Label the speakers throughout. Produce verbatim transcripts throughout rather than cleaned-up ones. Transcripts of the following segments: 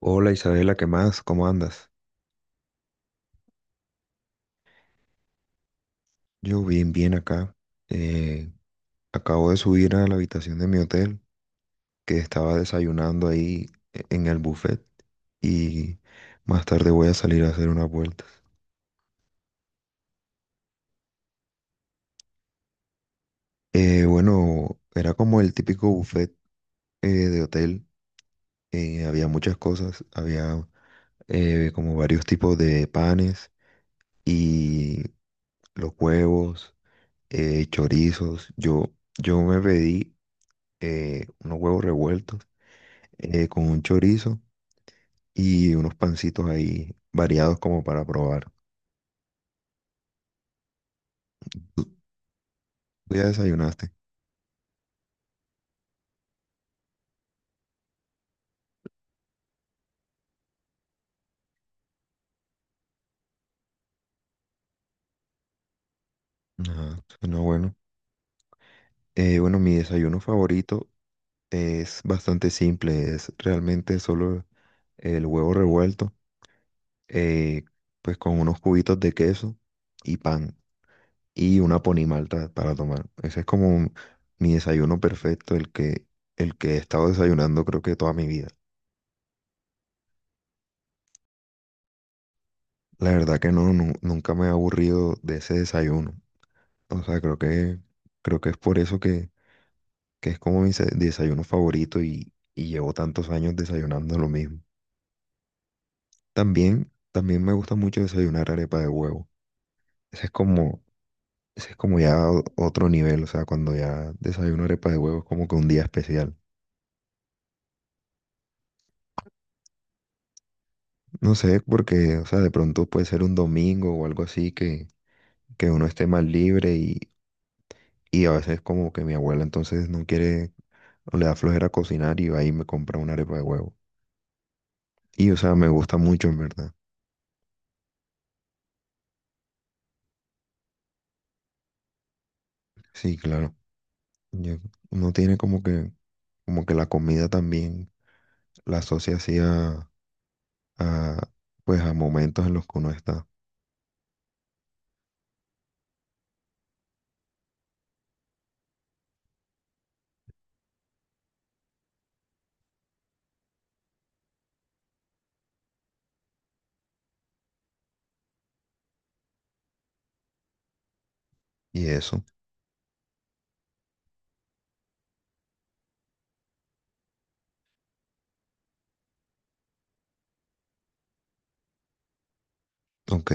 Speaker 1: Hola Isabela, ¿qué más? ¿Cómo andas? Yo bien, bien acá. Eh, acabo de subir a la habitación de mi hotel, que estaba desayunando ahí e- en el buffet y más tarde voy a salir a hacer unas vueltas. Eh, bueno, era como el típico buffet eh, de hotel. Eh, había muchas cosas, había eh, como varios tipos de panes y los huevos, eh, chorizos. Yo, yo me pedí eh, unos huevos revueltos eh, con un chorizo y unos pancitos ahí variados como para probar. ¿Tú tú ya desayunaste? Ajá, suena bueno. Eh, bueno, mi desayuno favorito es bastante simple, es realmente solo el huevo revuelto, eh, pues con unos cubitos de queso y pan y una ponimalta para tomar. Ese es como un- mi desayuno perfecto, el que, el que he estado desayunando creo que toda mi vida. La verdad que no, nu- nunca me he aburrido de ese desayuno. O sea, creo que, creo que es por eso que, que es como mi se- desayuno favorito y, y llevo tantos años desayunando lo mismo. También, también me gusta mucho desayunar arepa de huevo. Ese es como, ese es como ya o- otro nivel, o sea, cuando ya desayuno arepa de huevo es como que un día especial. No sé, porque, o sea, de pronto puede ser un domingo o algo así que, que uno esté más libre y, y a veces como que mi abuela entonces no quiere o le da flojera cocinar y va y me compra una arepa de huevo. Y, o sea, me gusta mucho, en verdad. Sí, claro. Ya uno tiene como que, como que la comida también la asocia así a, a, pues a momentos en los que uno está. Y eso, ok,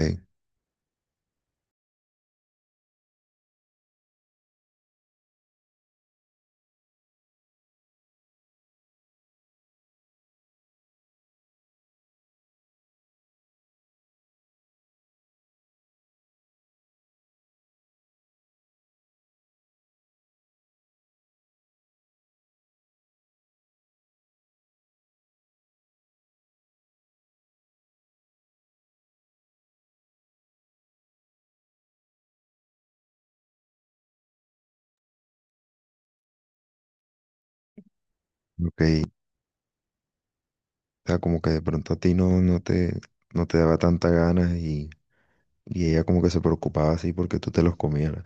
Speaker 1: ok. O sea, como que de pronto a ti no, no te, no te daba tanta ganas y, y ella como que se preocupaba así porque tú te los comieras.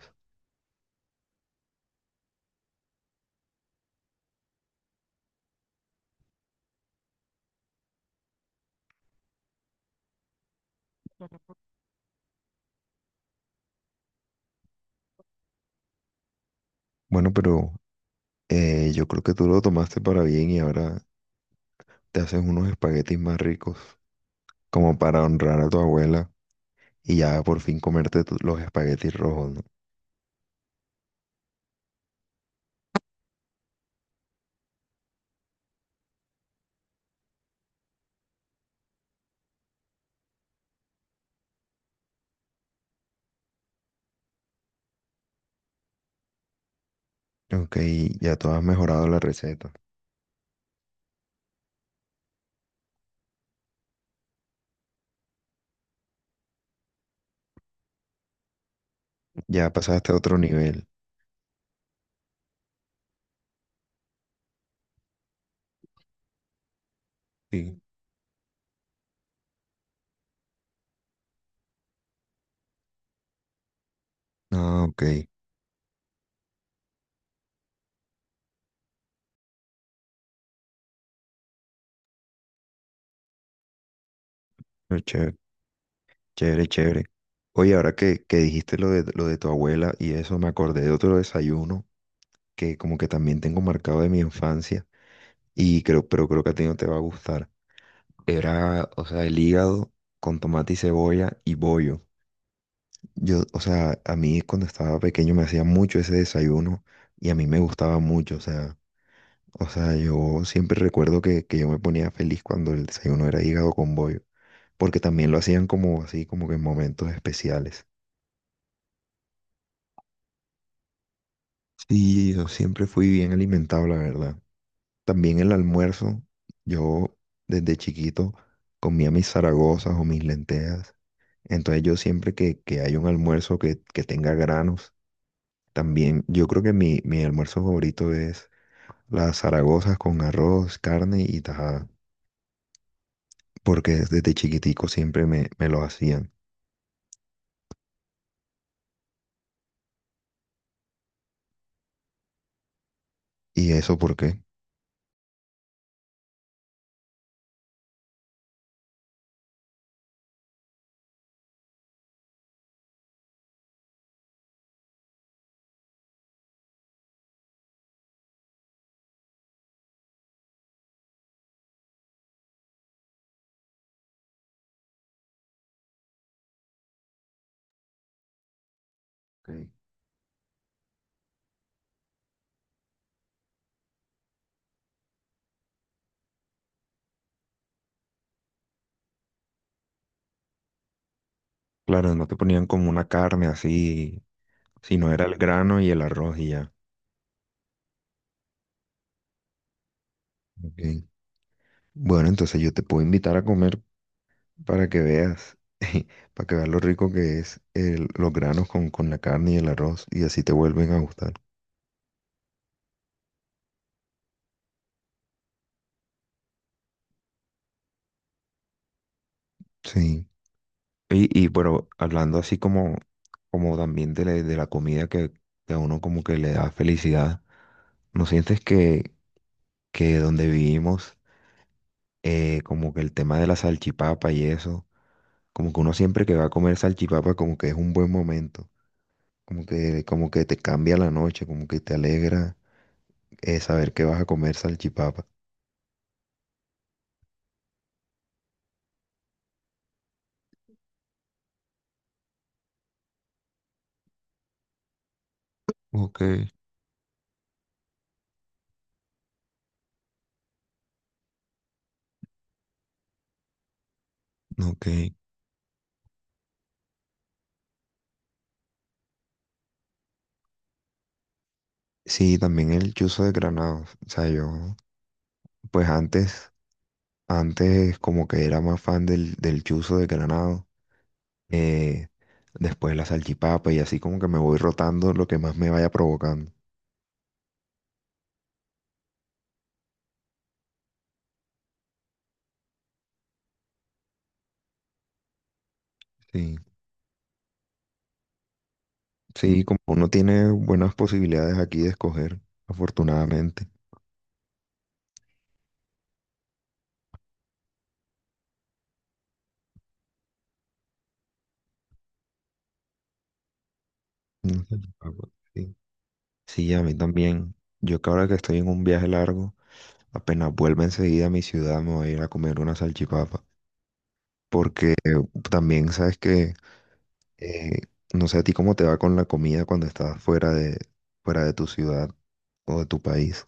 Speaker 1: Bueno, pero eh, yo creo que tú lo tomaste para bien y ahora te haces unos espaguetis más ricos, como para honrar a tu abuela y ya por fin comerte tu- los espaguetis rojos, ¿no? Ok, ya tú has mejorado la receta. Ya pasaste a otro nivel. Sí. Ah, ok. No, chévere, chévere, chévere. Oye, ahora que, que dijiste lo de, lo de tu abuela y eso, me acordé de otro desayuno que como que también tengo marcado de mi infancia y creo, pero creo que a ti no te va a gustar. Era, o sea, el hígado con tomate y cebolla y bollo. Yo, o sea, a mí cuando estaba pequeño me hacía mucho ese desayuno y a mí me gustaba mucho, o sea. O sea, yo siempre recuerdo que, que yo me ponía feliz cuando el desayuno era hígado con bollo, porque también lo hacían como así, como que en momentos especiales. Sí, yo siempre fui bien alimentado, la verdad. También el almuerzo, yo desde chiquito comía mis zaragozas o mis lentejas. Entonces yo siempre que, que hay un almuerzo que, que tenga granos, también yo creo que mi, mi almuerzo favorito es las zaragozas con arroz, carne y tajada. Porque desde chiquitico siempre me, me lo hacían. ¿Y eso por qué? Ok. Claro, no te ponían como una carne así, sino era el grano y el arroz y ya. Ok. Bueno, entonces yo te puedo invitar a comer para que veas, para que veas lo rico que es el- los granos con, con la carne y el arroz y así te vuelven a gustar. Sí. Y, y pero hablando así como, como también de la, de la comida que, que a uno como que le da felicidad, ¿no sientes que, que donde vivimos eh, como que el tema de la salchipapa y eso, como que uno siempre que va a comer salchipapa como que es un buen momento, como que, como que te cambia la noche, como que te alegra eh, saber que vas a comer salchipapa. Ok, ok. Sí, también el chuzo de granado, o sea, yo pues antes, antes como que era más fan del, del chuzo de granado, eh, después la salchipapa y así como que me voy rotando lo que más me vaya provocando. Sí. Sí, como uno tiene buenas posibilidades aquí de escoger, afortunadamente. Ujú. Ah, bueno, sí, sí, a mí también. Yo que ahora que estoy en un viaje largo, apenas vuelva enseguida a mi ciudad, me voy a ir a comer una salchipapa. Porque eh, también sabes que, eh, no sé a ti cómo te va con la comida cuando estás fuera de, fuera de tu ciudad o de tu país.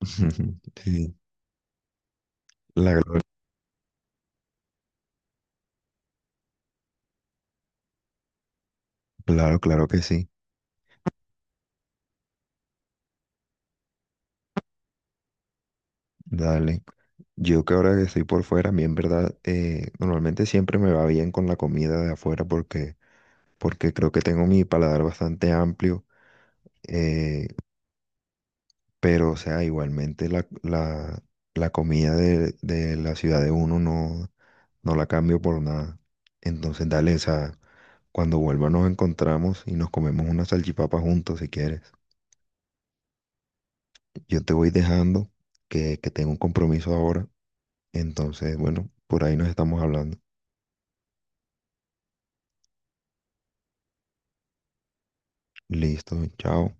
Speaker 1: Sí, la, glo- claro, claro que sí. Dale. Yo que ahora que estoy por fuera, a mí en verdad eh, normalmente siempre me va bien con la comida de afuera porque, porque creo que tengo mi paladar bastante amplio, eh, pero o sea, igualmente la, la, la comida de, de la ciudad de uno no, no la cambio por nada. Entonces dale, o sea, cuando vuelva nos encontramos y nos comemos una salchipapa juntos si quieres. Yo te voy dejando que, que tengo un compromiso ahora, entonces bueno, por ahí nos estamos hablando. Listo, chao.